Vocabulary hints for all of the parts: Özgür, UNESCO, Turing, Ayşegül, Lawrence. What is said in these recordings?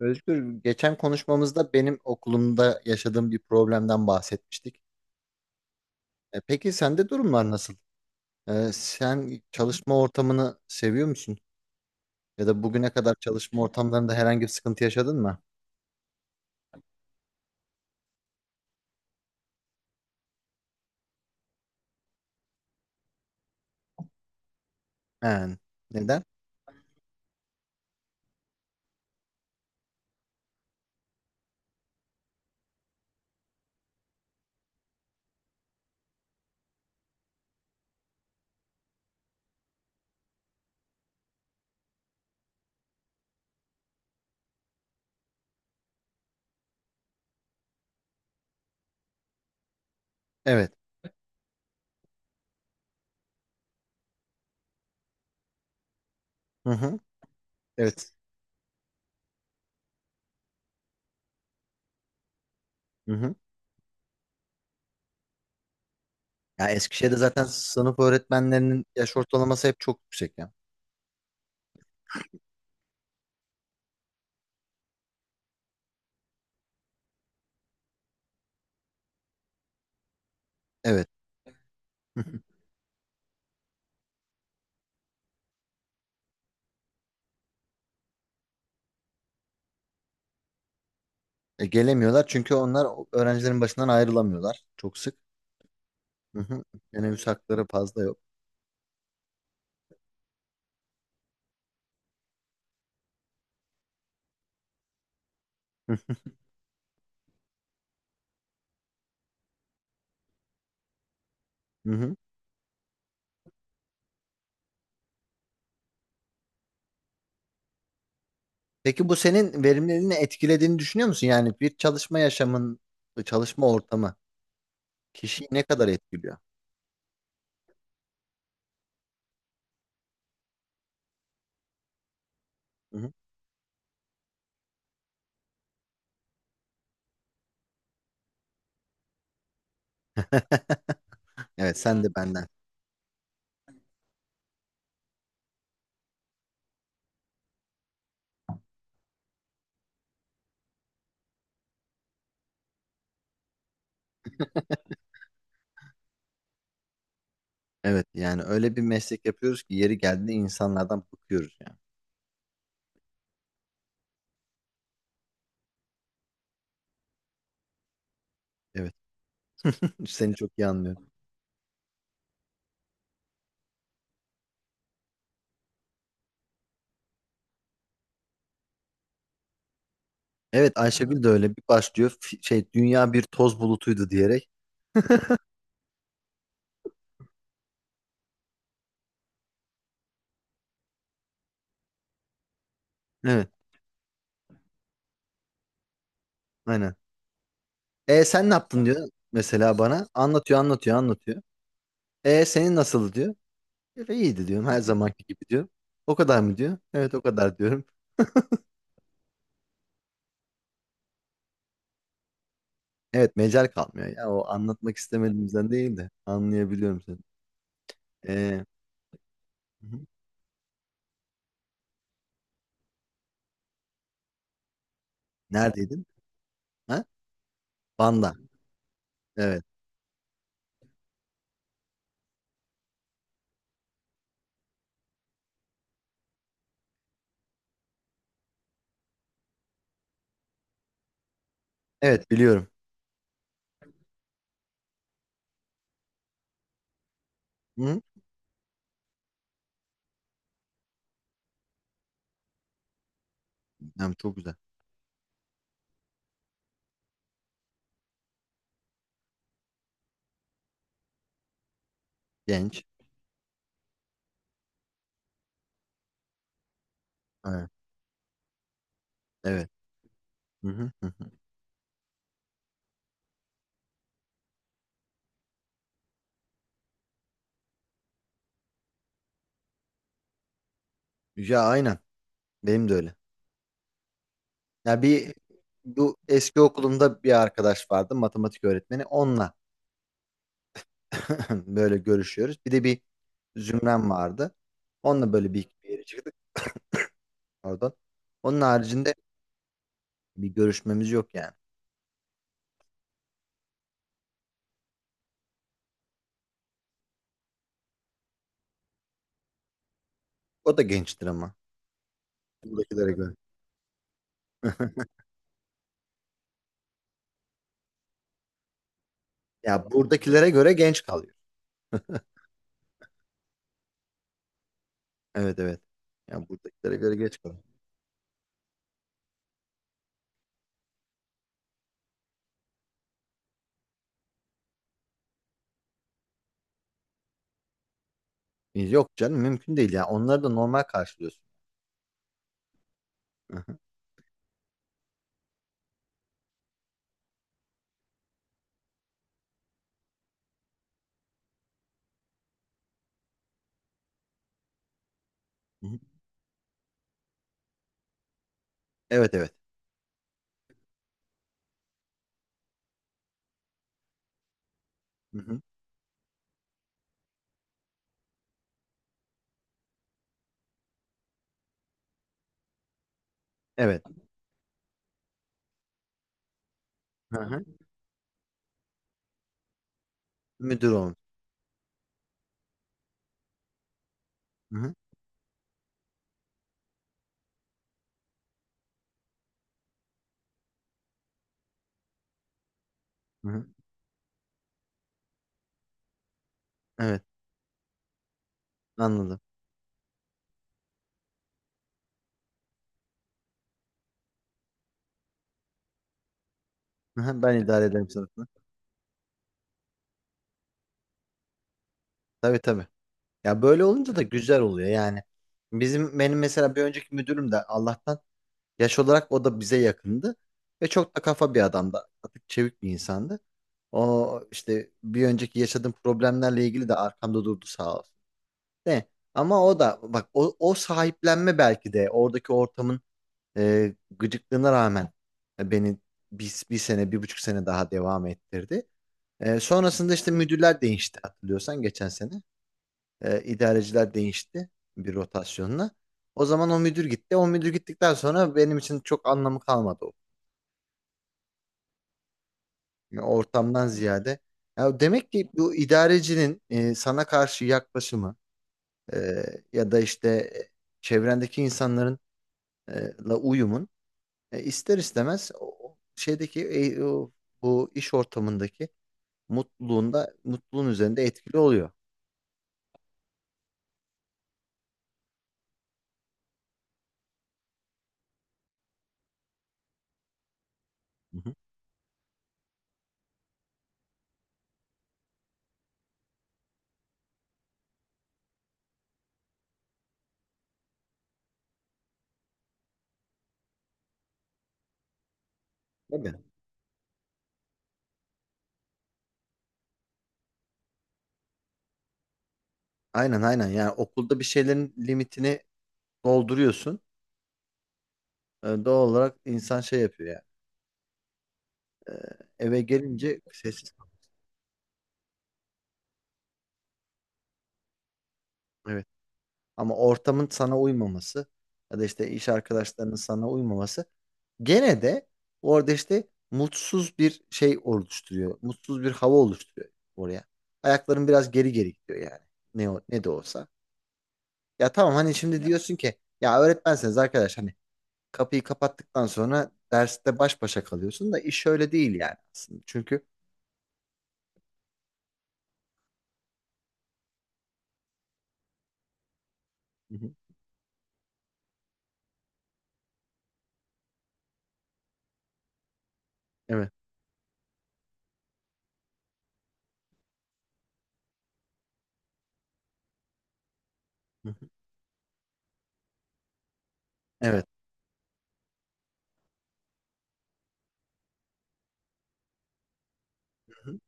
Özgür, geçen konuşmamızda benim okulumda yaşadığım bir problemden bahsetmiştik. Peki sende durumlar nasıl? Sen çalışma ortamını seviyor musun? Ya da bugüne kadar çalışma ortamlarında herhangi bir sıkıntı yaşadın mı? Yani, neden? Evet. Hı hı. Evet. Hı hı. Ya Eskişehir'de zaten sınıf öğretmenlerinin yaş ortalaması hep çok yüksek ya. Evet. Hı hı. Gelemiyorlar çünkü onlar öğrencilerin başından ayrılamıyorlar çok sık. Hı hı. Teneffüs hakları fazla yok. Hı hı. Peki bu senin verimliliğini etkilediğini düşünüyor musun? Yani bir çalışma yaşamın, çalışma ortamı kişiyi ne kadar etkiliyor? Hı hı. Evet, sen de benden. Evet, yani öyle bir meslek yapıyoruz ki yeri geldiğinde insanlardan bıkıyoruz yani. Evet, seni çok iyi anlıyorum. Evet, Ayşegül de öyle bir başlıyor. Dünya bir toz bulutuydu diyerek. Evet, aynen. E sen ne yaptın diyor mesela bana. Anlatıyor, anlatıyor, anlatıyor. E senin nasıl diyor. İyiydi diyorum her zamanki gibi diyor. O kadar mı diyor? Evet o kadar diyorum. Evet mecal kalmıyor. Ya o anlatmak istemediğimizden değil de anlayabiliyorum seni. Ee, hı hı. Neredeydin? Ha? Van'da. Evet. Evet biliyorum. Hı? Yani çok güzel. Genç. Ha, evet. Hı hı, hı hı. Ya aynen. Benim de öyle. Ya bir, bu eski okulumda bir arkadaş vardı matematik öğretmeni. Onunla böyle görüşüyoruz. Bir de bir zümrem vardı. Onunla böyle bir, iki bir yere çıktık oradan. Onun haricinde bir görüşmemiz yok yani. O da gençtir ama. Buradakilere göre. Ya buradakilere göre genç kalıyor. Evet evet. Ya buradakilere göre geç kalıyor. Yok canım mümkün değil ya. Onları da normal karşılıyorsun. Hı hı, hı hı. Evet evet. Hı hı. Evet. Hı hı. Müdür olmuş. Hı hı, hı hı. Evet, anladım. Hı hı, ben idare ederim sınıfını. Tabii tabii. Ya böyle olunca da güzel oluyor yani. Benim mesela bir önceki müdürüm de Allah'tan yaş olarak o da bize yakındı. Ve çok da kafa bir adamdı. Atık çevik bir insandı. O işte bir önceki yaşadığım problemlerle ilgili de arkamda durdu sağ olsun. Ne? Ama o da bak o sahiplenme belki de oradaki ortamın gıcıklığına rağmen beni bir sene, bir buçuk sene daha devam ettirdi. Sonrasında işte müdürler değişti hatırlıyorsan geçen sene. İdareciler değişti bir rotasyonla. O zaman o müdür gitti. O müdür gittikten sonra benim için çok anlamı kalmadı, yani ortamdan ziyade. Ya demek ki bu idarecinin sana karşı yaklaşımı, e, ya da işte çevrendeki insanların la uyumun, ister istemez o şeydeki bu iş ortamındaki mutluluğun üzerinde etkili oluyor. Hı hı. Tabii. Aynen aynen, yani okulda bir şeylerin limitini dolduruyorsun. Doğal olarak insan şey yapıyor yani. Eve gelince sessiz. Ama ortamın sana uymaması ya da işte iş arkadaşlarının sana uymaması gene de orada işte mutsuz bir şey oluşturuyor. Mutsuz bir hava oluşturuyor oraya. Ayakların biraz geri geri gidiyor yani. Ne de olsa. Ya tamam hani şimdi diyorsun ki ya öğretmenseniz arkadaş hani kapıyı kapattıktan sonra derste baş başa kalıyorsun da iş öyle değil yani aslında. Çünkü hı hı. Evet. Hı hı. Evet. Hı hı.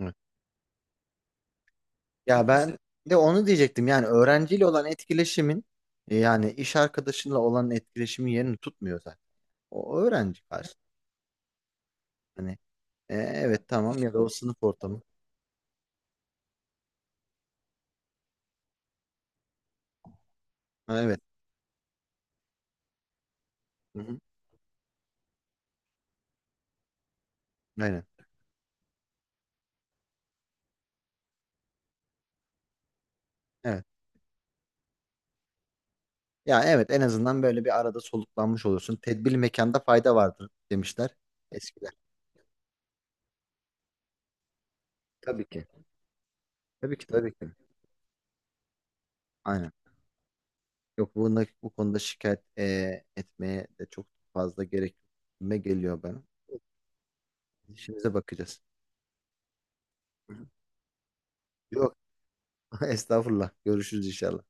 Evet. Ya ben de onu diyecektim. Yani öğrenciyle olan etkileşimin, yani iş arkadaşınla olan etkileşimin yerini tutmuyor zaten. O öğrenci karşı. Hani evet tamam ya da o sınıf ortamı. Ha, evet. Hı-hı. Aynen. Evet. Ya evet, en azından böyle bir arada soluklanmış olursun. Tedbirli mekanda fayda vardır demişler eskiler. Tabii ki. Tabii ki tabii ki. Aynen. Yok bunda, bu konuda şikayet etmeye de çok fazla gerek geliyor bana. İşimize bakacağız. Yok estağfurullah. Görüşürüz inşallah.